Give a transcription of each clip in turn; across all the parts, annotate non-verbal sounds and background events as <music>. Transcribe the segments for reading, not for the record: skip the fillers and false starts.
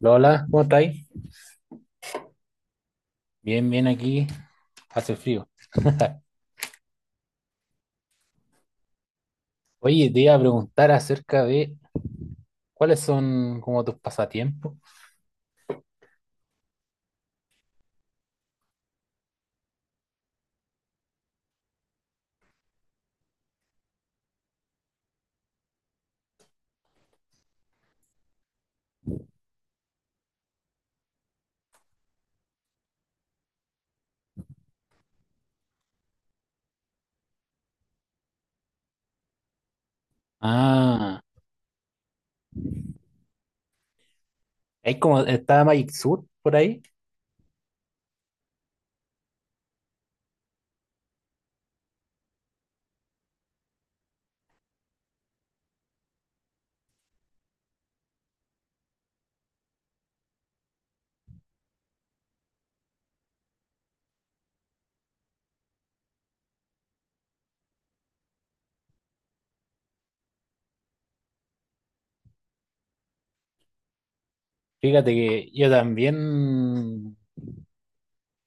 Lola, ¿cómo estáis? Bien, bien aquí, hace frío. <laughs> Oye, te iba a preguntar acerca de cuáles son como tus pasatiempos. Ah, hay como, está Magic Sur por ahí. Fíjate que yo también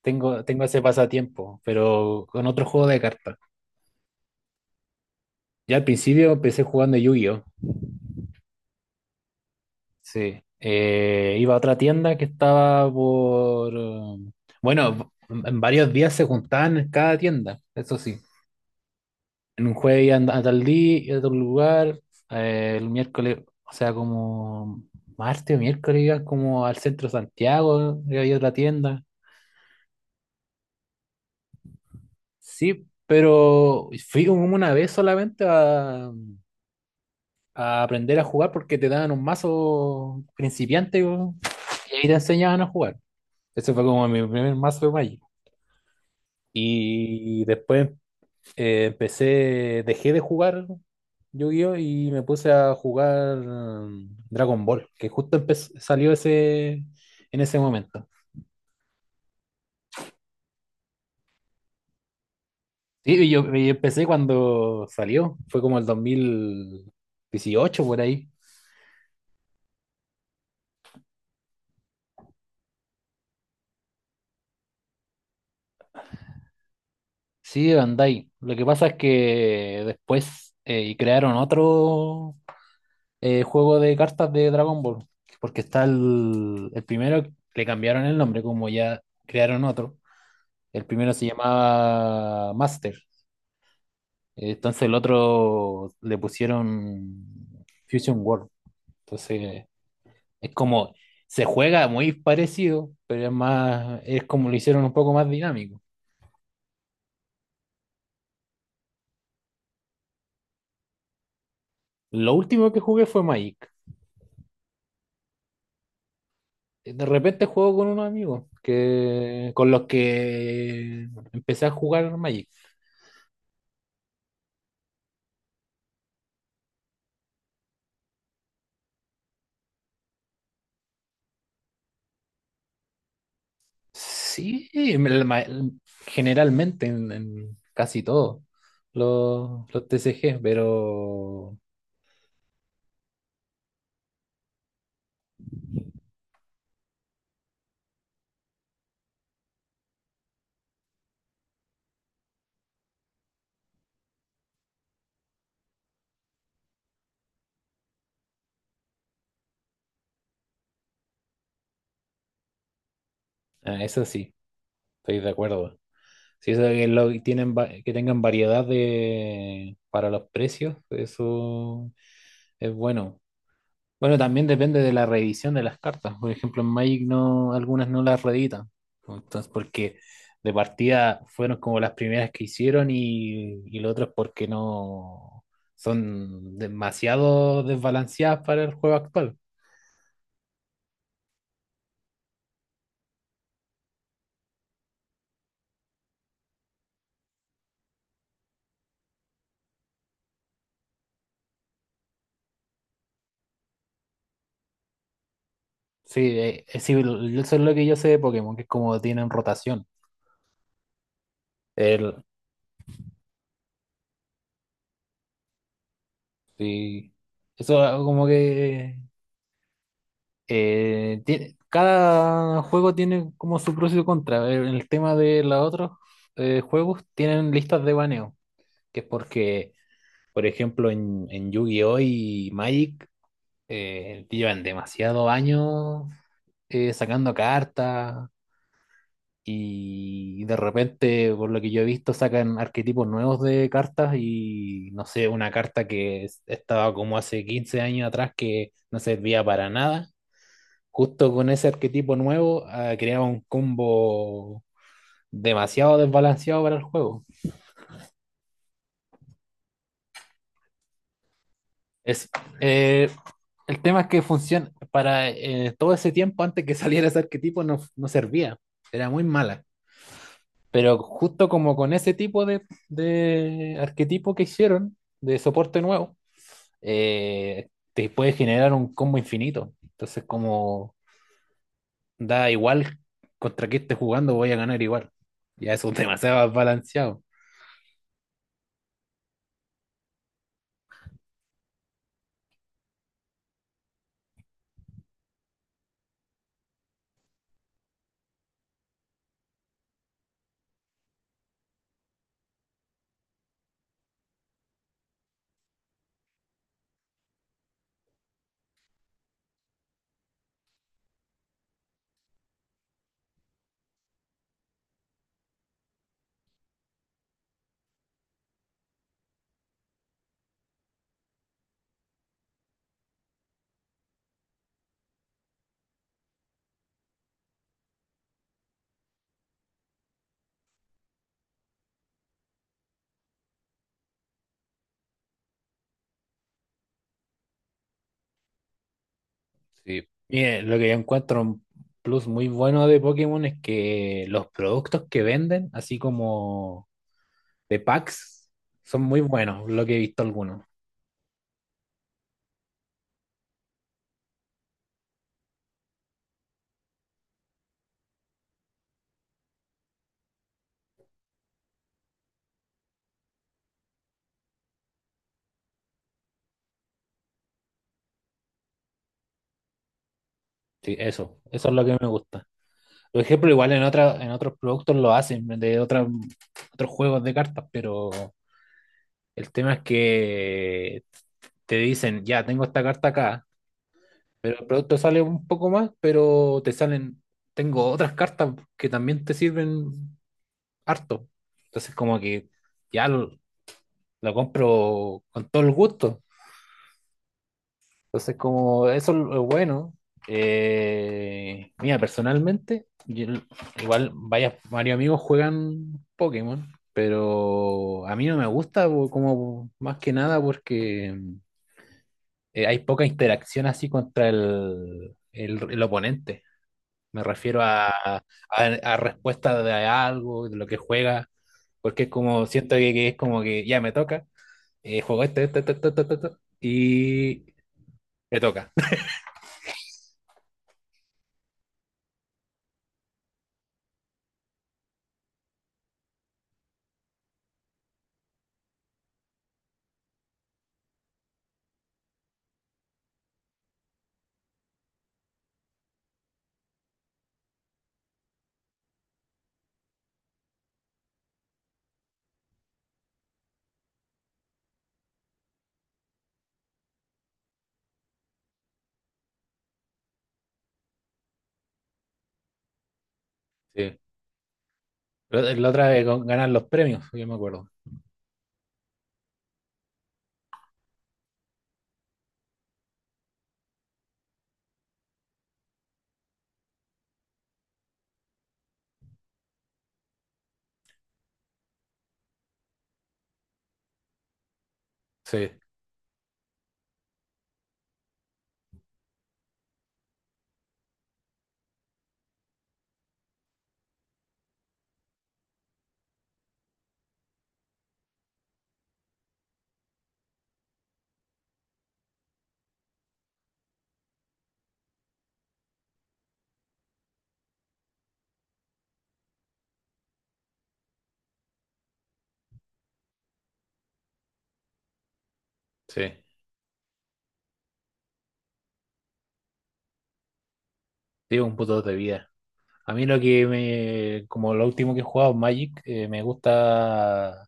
tengo ese pasatiempo, pero con otro juego de cartas. Ya al principio empecé jugando Yu-Gi-Oh! Sí. Iba a otra tienda que estaba por... Bueno, en varios días se juntaban en cada tienda, eso sí. En un jueves iban a tal día, a tal lugar, el miércoles, o sea, como martes o miércoles iban como al centro de Santiago, y había otra tienda. Sí, pero fui como una vez solamente a aprender a jugar porque te daban un mazo principiante po, y ahí te enseñaban a jugar. Ese fue como mi primer mazo de Magic. Y después empecé, dejé de jugar Yu-Gi-Oh! Y me puse a jugar Dragon Ball, que justo salió ese, en ese momento. Sí, y yo, y empecé cuando salió, fue como el 2018 por ahí. Sí, de Bandai. Lo que pasa es que después crearon otro juego de cartas de Dragon Ball, porque está el primero, le cambiaron el nombre, como ya crearon otro. El primero se llamaba Master. Entonces el otro le pusieron Fusion World. Entonces es como, se juega muy parecido, pero es más, es como lo hicieron un poco más dinámico. Lo último que jugué fue Magic. De repente juego con unos amigos que, con los que empecé a jugar Magic. Sí, me- la ma- generalmente en casi todos los TCG, pero eso sí, estoy de acuerdo. Sí, eso que, lo, tienen, que tengan variedad de, para los precios, eso es bueno. Bueno, también depende de la reedición de las cartas. Por ejemplo, en Magic no, algunas no las reeditan. Entonces, porque de partida fueron como las primeras que hicieron y lo otro es porque no son demasiado desbalanceadas para el juego actual. Sí, sí, eso es lo que yo sé de Pokémon, que es como tienen rotación. El, sí. Eso como que cada juego tiene como su pros y su contra. En el tema de los otros juegos tienen listas de baneo, que es porque, por ejemplo, en Yu-Gi-Oh! Y Magic llevan demasiado años sacando cartas y de repente, por lo que yo he visto, sacan arquetipos nuevos de cartas y no sé, una carta que estaba como hace 15 años atrás que no servía para nada justo con ese arquetipo nuevo, ah, creaba un combo demasiado desbalanceado para el juego. Es, eh, el tema es que funciona para todo ese tiempo antes que <laughs> saliera ese arquetipo no, no servía, era muy mala. Pero justo como con ese tipo de arquetipo que hicieron, de soporte nuevo, eh, te puede generar un combo infinito. Entonces, como da igual contra qué estés jugando, voy a ganar igual. Ya eso es demasiado <laughs> balanceado. Sí, mire, lo que yo encuentro un plus muy bueno de Pokémon es que los productos que venden, así como de packs, son muy buenos, lo que he visto algunos. Sí, eso es lo que me gusta. Por ejemplo, igual en otra, en otros productos lo hacen, otros juegos de cartas, pero el tema es que te dicen, ya, tengo esta carta acá, pero el producto sale un poco más, pero te salen, tengo otras cartas que también te sirven harto. Entonces, como que ya lo compro con todo el gusto. Entonces, como eso es bueno. Mira, personalmente, igual varios amigos juegan Pokémon, pero a mí no me gusta como más que nada porque hay poca interacción así contra el oponente. Me refiero a respuesta de algo, de lo que juega, porque es como siento que es como que ya me toca juego este, este, este, este, este, este, este, y le toca. <laughs> Sí. Pero la otra vez con ganar los premios, yo me acuerdo. Sí, sí. Digo, un puto de vida. A mí lo que me, como lo último que he jugado, Magic, me gusta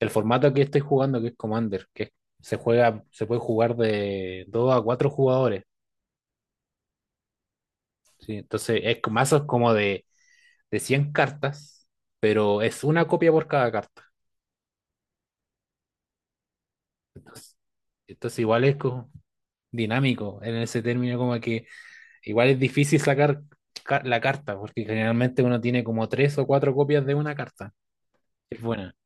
el formato que estoy jugando, que es Commander, que se juega, se puede jugar de 2 a 4 jugadores. Sí, entonces es con mazos como de 100 cartas, pero es una copia por cada carta. Entonces, entonces igual es como dinámico en ese término, como que igual es difícil sacar la carta, porque generalmente uno tiene como tres o cuatro copias de una carta. Es buena.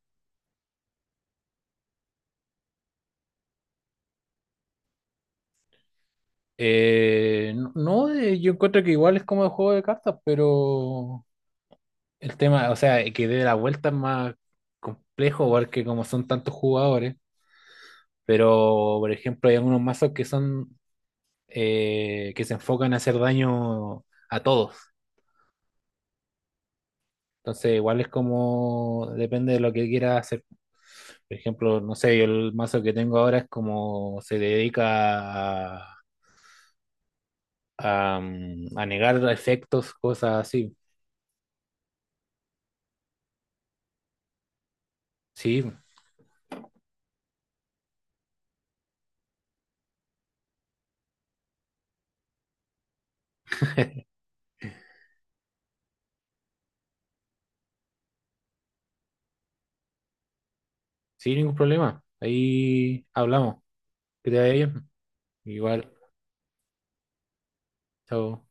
No, no, yo encuentro que igual es como el juego de cartas, pero el tema, o sea, que dé la vuelta es más complejo, porque como son tantos jugadores, pero por ejemplo hay algunos mazos que son que se enfocan a hacer daño a todos. Entonces igual es como depende de lo que quiera hacer. Por ejemplo, no sé, yo el mazo que tengo ahora es como se dedica a, a negar efectos, cosas así. Sí, <laughs> sin ningún problema. Ahí hablamos. Que te vaya bien. Igual, chao.